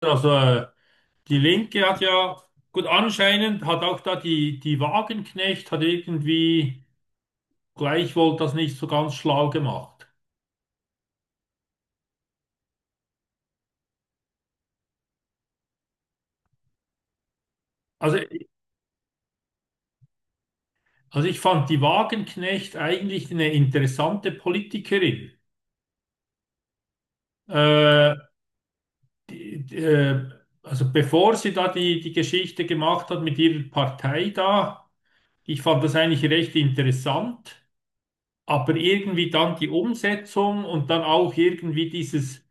Also äh, die Linke hat ja, gut, anscheinend hat auch da die Wagenknecht hat irgendwie gleichwohl das nicht so ganz schlau gemacht. Also, also ich fand die Wagenknecht eigentlich eine interessante Politikerin. Äh, die, die, äh, also bevor sie da die Geschichte gemacht hat mit ihrer Partei da, ich fand das eigentlich recht interessant, aber irgendwie dann die Umsetzung und dann auch irgendwie dieses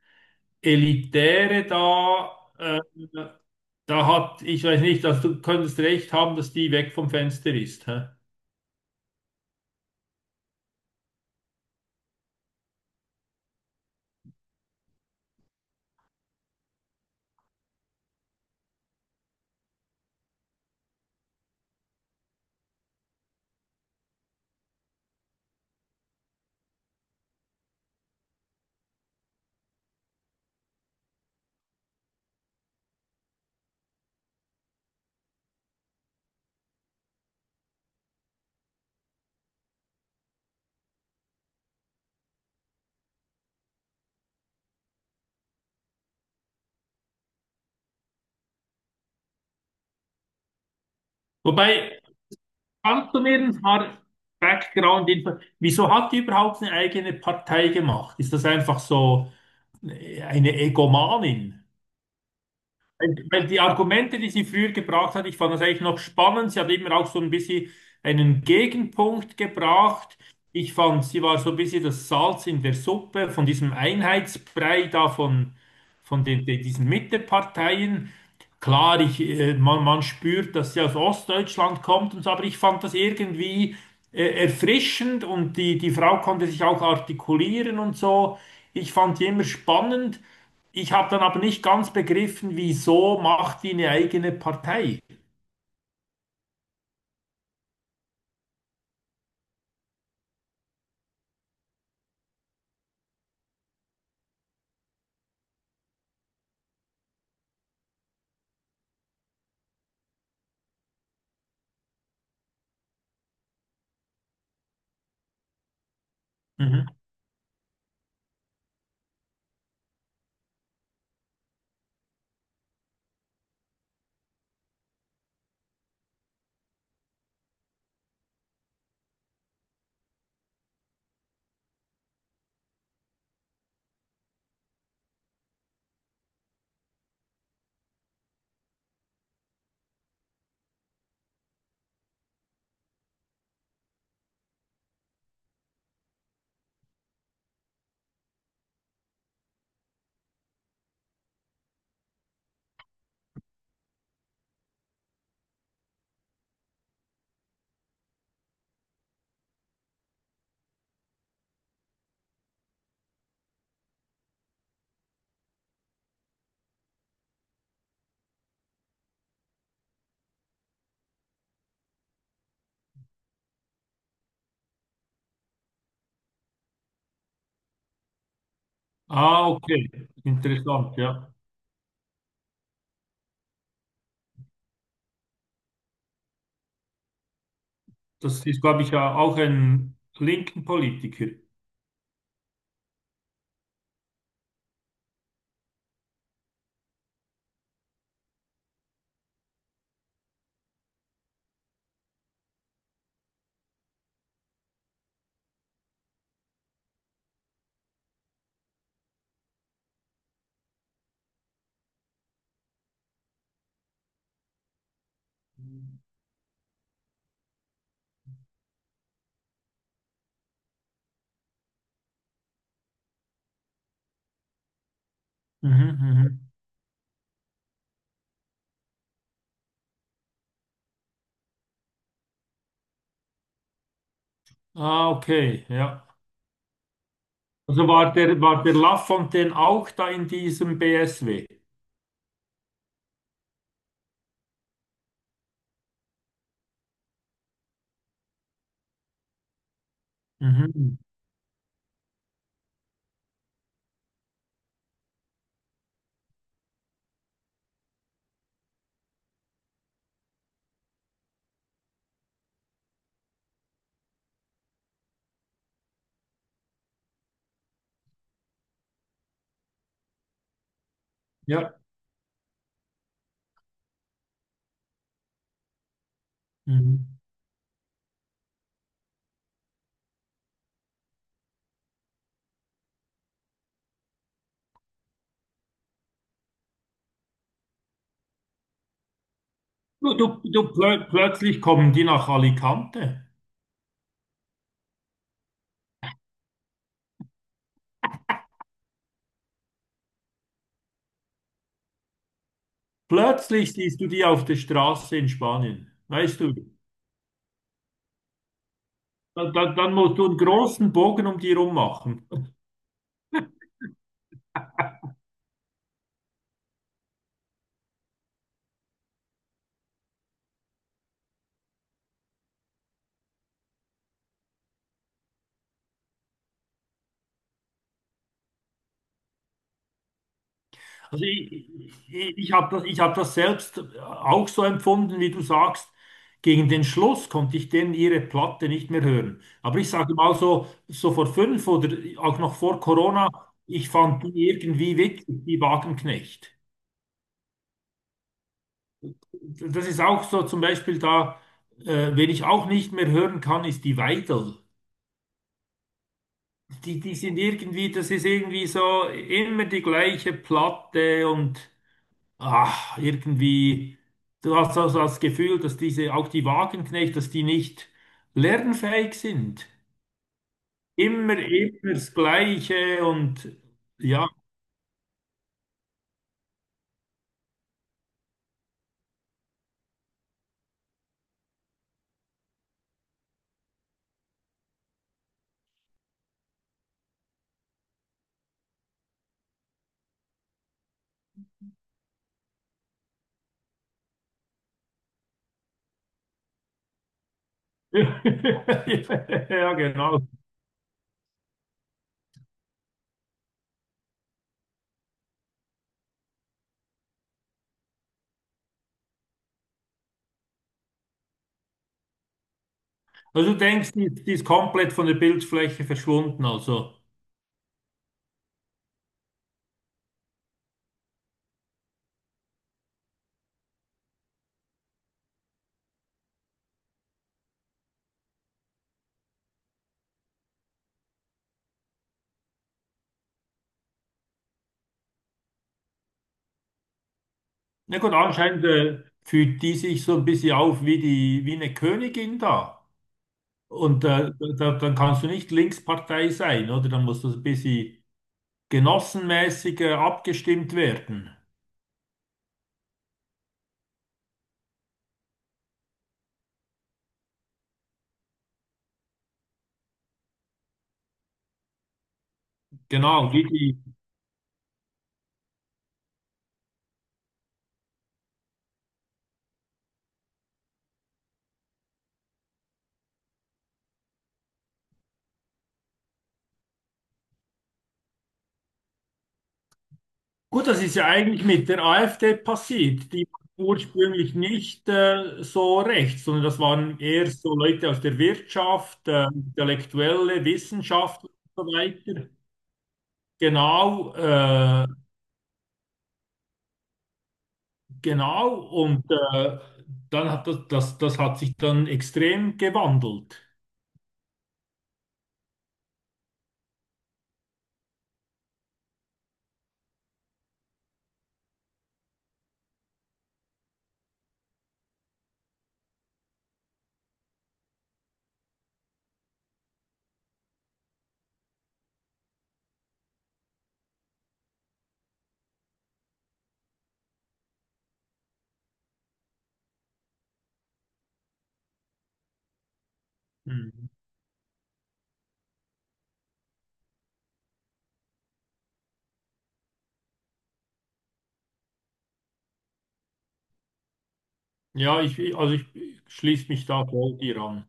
Elitäre da hat, ich weiß nicht, also du könntest recht haben, dass die weg vom Fenster ist. Hä? Wobei, kannst du mir ein paar Background-Info, wieso hat die überhaupt eine eigene Partei gemacht? Ist das einfach so eine Egomanin? Weil die Argumente, die sie früher gebracht hat, ich fand das eigentlich noch spannend. Sie hat immer auch so ein bisschen einen Gegenpunkt gebracht. Ich fand, sie war so ein bisschen das Salz in der Suppe von diesem Einheitsbrei da von diesen Mitteparteien. Klar, man spürt, dass sie aus Ostdeutschland kommt und so, aber ich fand das irgendwie erfrischend und die Frau konnte sich auch artikulieren und so. Ich fand die immer spannend. Ich habe dann aber nicht ganz begriffen, wieso macht die eine eigene Partei. Mhm. Ah, okay. Interessant, ja. Das ist, glaube ich, ja auch ein linken Politiker. Mhm, mhm. Ah, okay, ja. Also war der Lafontaine auch da in diesem BSW? Mhm. Ja. Mhm. Plö plötzlich kommen die nach Alicante. Plötzlich siehst du die auf der Straße in Spanien. Weißt du, dann musst du einen großen Bogen um die rum machen. Also ich, ich habe das, ich hab das selbst auch so empfunden, wie du sagst. Gegen den Schluss konnte ich denn ihre Platte nicht mehr hören. Aber ich sage mal so, so vor fünf oder auch noch vor Corona, ich fand die irgendwie witzig, die Wagenknecht. Das ist auch so zum Beispiel da, wen ich auch nicht mehr hören kann, ist die Weidel. Die sind irgendwie, das ist irgendwie so immer die gleiche Platte und ach, irgendwie, du hast also das Gefühl, dass diese, auch die Wagenknecht, dass die nicht lernfähig sind. Immer das Gleiche und ja. Ja, genau. Also du denkst, die ist komplett von der Bildfläche verschwunden. Also, na gut, anscheinend fühlt die sich so ein bisschen auf wie die, wie eine Königin da. Und äh, Dann kannst du nicht Linkspartei sein, oder? Dann musst du so ein bisschen genossenmäßig abgestimmt werden. Genau, wie die. Gut, das ist ja eigentlich mit der AfD passiert. Die war ursprünglich nicht so rechts, sondern das waren eher so Leute aus der Wirtschaft, Intellektuelle, Wissenschaft und so weiter. Genau, äh, genau. Dann hat das hat sich dann extrem gewandelt. Mhm. Ich schließe mich da voll dir an.